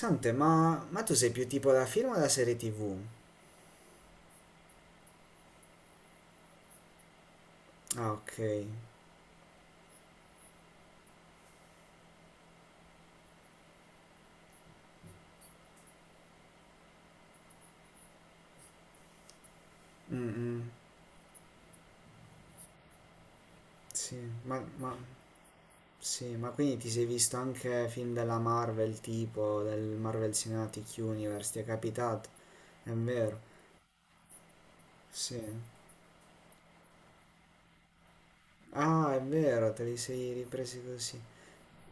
Sante, ma tu sei più tipo da film o da serie TV? Ah, ok. Mm, mm, sì, ma, sì, ma quindi ti sei visto anche film della Marvel, tipo del Marvel Cinematic Universe, ti è capitato? È vero, sì. Ah, è vero, te li sei ripresi così.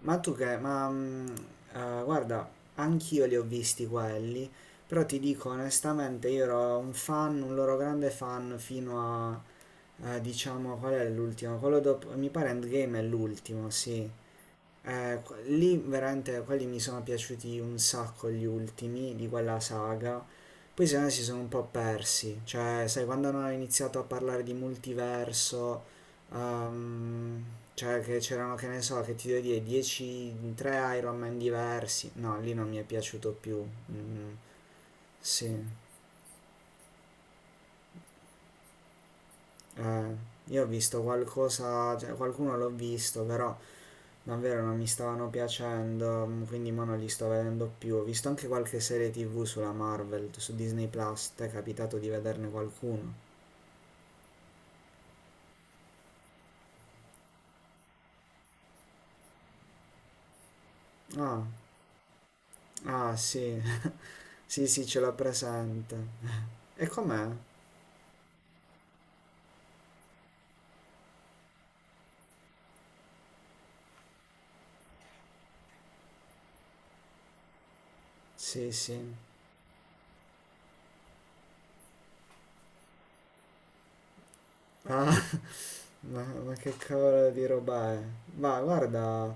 Ma tu che, ma mm, guarda, anch'io li ho visti quelli, però ti dico onestamente, io ero un fan, un loro grande fan fino a. Diciamo qual è l'ultimo? Quello dopo, mi pare Endgame è l'ultimo, sì. Lì veramente quelli mi sono piaciuti un sacco gli ultimi di quella saga. Poi se no si sono un po' persi, cioè sai quando hanno iniziato a parlare di multiverso, ehm, cioè che c'erano che ne so, che ti devo dire 10, 3 Iron Man diversi, no, lì non mi è piaciuto più. Mm, sì, Eh, io ho visto qualcosa, cioè, qualcuno l'ho visto, però. Davvero non mi stavano piacendo, quindi mo non li sto vedendo più. Ho visto anche qualche serie TV sulla Marvel, su Disney Plus, ti è capitato di vederne qualcuno? Ah, ah sì, sì sì ce l'ho presente. E com'è? Sì sì. Ah, ma che cavolo di roba è? Ma guarda,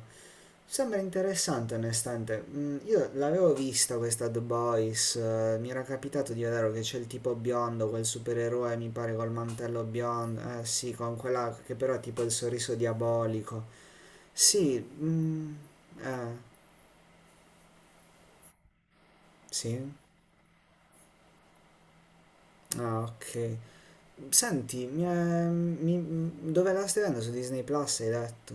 sembra interessante onestamente. Mm. Io l'avevo vista questa The Boys, mi era capitato di vedere che c'è il tipo biondo, quel supereroe mi pare col mantello biondo, eh sì, con quella che però ha tipo il sorriso diabolico. Sì, mm, eh, sì. Ah, ok. Senti, mi, è- mi- mm, dove la stai vedendo? Su Disney Plus hai detto?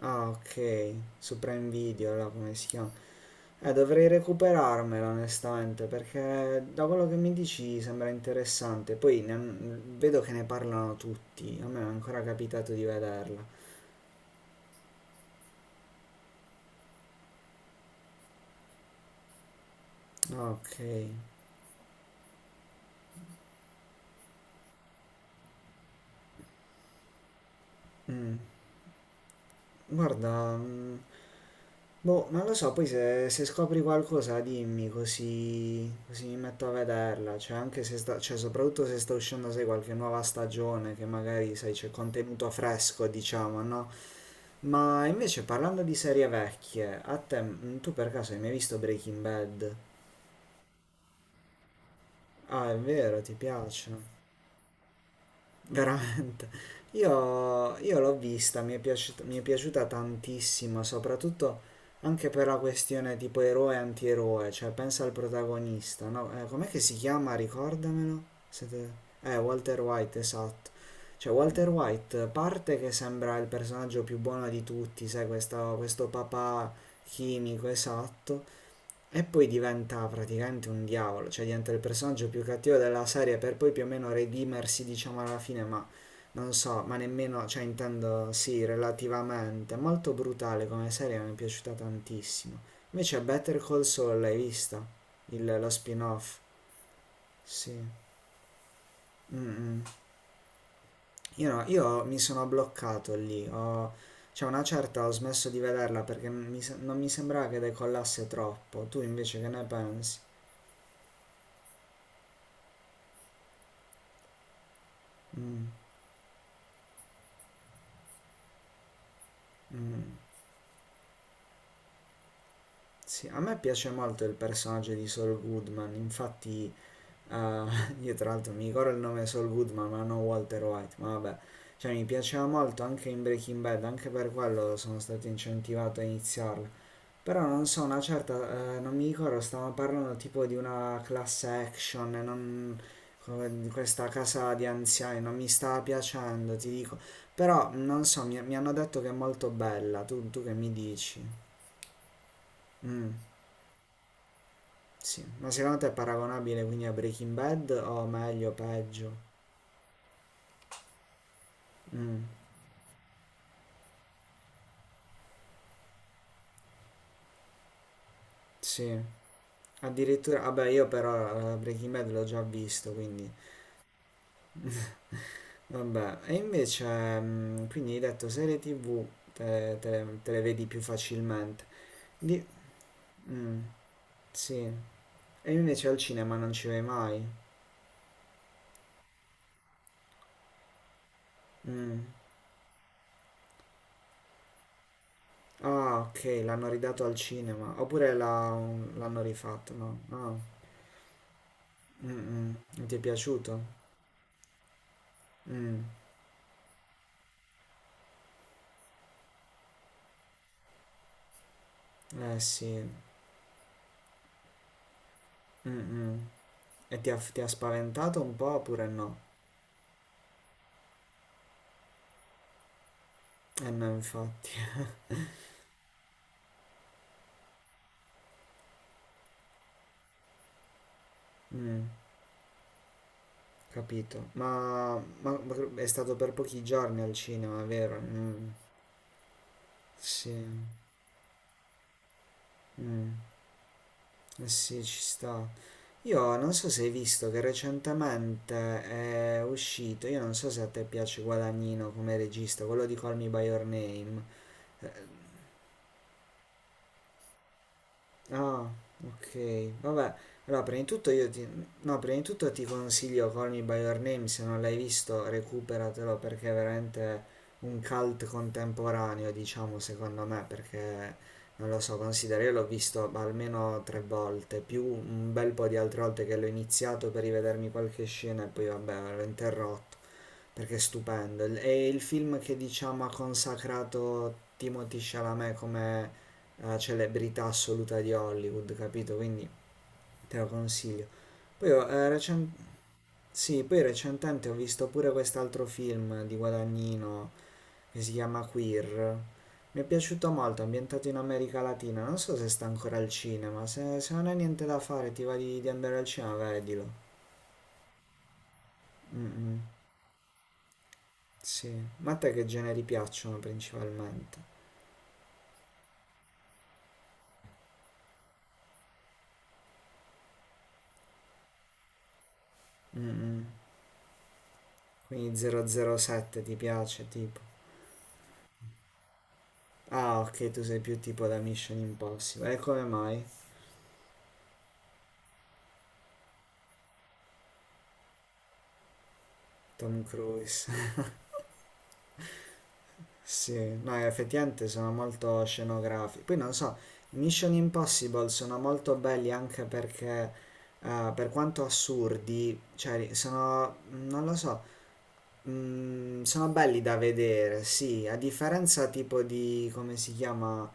Ah, ok, su Prime Video, là come si chiama? Dovrei recuperarmela onestamente perché da quello che mi dici sembra interessante. Poi vedo che ne parlano tutti, a me è ancora capitato di vederla. Ok. Mm. Guarda, boh, non lo so, poi se scopri qualcosa dimmi così, così mi metto a vederla, cioè anche se sta, cioè soprattutto se sta uscendo, sai, qualche nuova stagione che magari, sai, c'è contenuto fresco, diciamo, no? Ma invece parlando di serie vecchie, tu per caso hai mai visto Breaking Bad? Ah, è vero, ti piace? Veramente. Io l'ho vista, mi è piaciuta tantissimo, soprattutto anche per la questione tipo eroe e antieroe, cioè pensa al protagonista, no? Com'è che si chiama? Ricordamelo. Se te- Walter White, esatto. Cioè, Walter White parte che sembra il personaggio più buono di tutti, sai, questo papà chimico, esatto. E poi diventa praticamente un diavolo, cioè diventa il personaggio più cattivo della serie per poi più o meno redimersi, diciamo, alla fine, ma non so, ma nemmeno, cioè intendo sì, relativamente. È molto brutale come serie, mi è piaciuta tantissimo. Invece Better Call Saul, l'hai vista? Lo spin-off? Sì. Mm, mm. Io no, io mi sono bloccato lì, ho, cioè una certa ho smesso di vederla perché mi se- non mi sembrava che decollasse troppo. Tu invece che ne pensi? Mm, mm. Sì, a me piace molto il personaggio di Saul Goodman, infatti eh, io tra l'altro mi ricordo il nome Saul Goodman, ma non Walter White, ma vabbè, cioè mi piaceva molto anche in Breaking Bad, anche per quello sono stato incentivato a iniziarlo. Però non so, una certa, non mi ricordo, stavamo parlando tipo di una class action, e non, di questa casa di anziani, non mi stava piacendo, ti dico. Però non so, mi hanno detto che è molto bella, tu che mi dici? Mm. Sì, ma secondo te è paragonabile quindi a Breaking Bad o meglio, peggio? Mm, sì, addirittura, vabbè io però Breaking Bad l'ho già visto, quindi vabbè. E invece, quindi hai detto serie TV te le vedi più facilmente. Di- mm, sì, e invece al cinema non ci vai mai. Mm. Ah, ok, l'hanno ridato al cinema, oppure l'hanno rifatto, no? Ah, mm, mm. Non ti è piaciuto? Mm. Eh sì, mm, mm. E ti ha spaventato un po' oppure no? Eh no, infatti. Mm, capito. Ma è stato per pochi giorni al cinema, vero? Mm, sì. Mm, eh sì, ci sta. Io non so se hai visto che recentemente è uscito, io non so se a te piace Guadagnino come regista, quello di Call Me By Your Name. Ah, ok. Vabbè, allora prima di tutto io ti. No, prima di tutto ti consiglio Call Me By Your Name, se non l'hai visto recuperatelo perché è veramente un cult contemporaneo, diciamo, secondo me, perché non lo so, considero, io l'ho visto almeno tre volte, più un bel po' di altre volte che l'ho iniziato per rivedermi qualche scena e poi vabbè, l'ho interrotto perché è stupendo. È il film che diciamo ha consacrato Timothy Chalamet come celebrità assoluta di Hollywood, capito? Quindi te lo consiglio. Poi, ho, eh, recen- sì, poi recentemente ho visto pure quest'altro film di Guadagnino che si chiama Queer. Mi è piaciuto molto, ambientato in America Latina. Non so se sta ancora al cinema. Se non hai niente da fare, ti va di andare al cinema, vedilo. Mm, mm, sì. Ma a te che generi piacciono principalmente? Mm. Quindi 007 ti piace tipo. Ah, ok, tu sei più tipo da Mission Impossible. E come mai? Tom Cruise. Sì, no, effettivamente sono molto scenografici. Poi non so, i Mission Impossible sono molto belli anche perché, per quanto assurdi, cioè sono, non lo so, sono belli da vedere, sì, a differenza tipo di, come si chiama?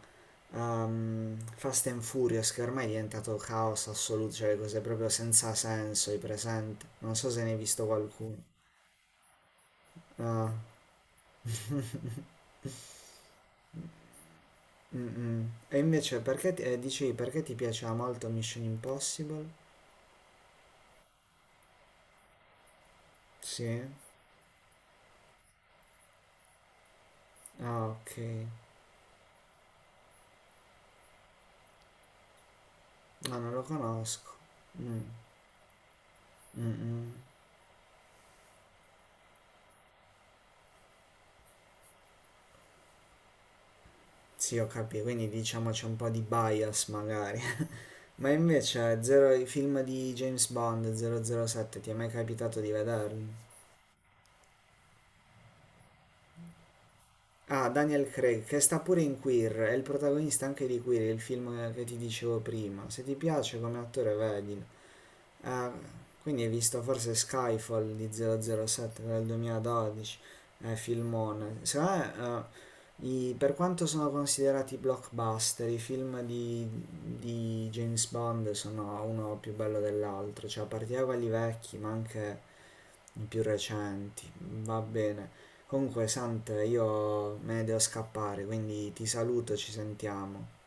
Fast and Furious che ormai è diventato caos assoluto, cioè le cose proprio senza senso, i presenti. Non so se ne hai visto qualcuno. No. Mm-mm. E invece perché dicevi perché ti piaceva molto Mission Impossible? Sì. Ah, ok. No, non lo conosco. Mm. Mm-mm. Sì, ho capito, quindi diciamo c'è un po' di bias magari. Ma invece zero, i film di James Bond 007 ti è mai capitato di vederli? Ah, Daniel Craig, che sta pure in Queer, è il protagonista anche di Queer, il film che ti dicevo prima. Se ti piace come attore, vedilo. Eh, quindi hai visto forse Skyfall di 007 del 2012, filmone. Secondo me, per quanto sono considerati blockbuster, i film di, James Bond sono uno più bello dell'altro, cioè a partire da quelli vecchi, ma anche i più recenti, va bene. Comunque, Sante, io me ne devo scappare, quindi ti saluto, ci sentiamo.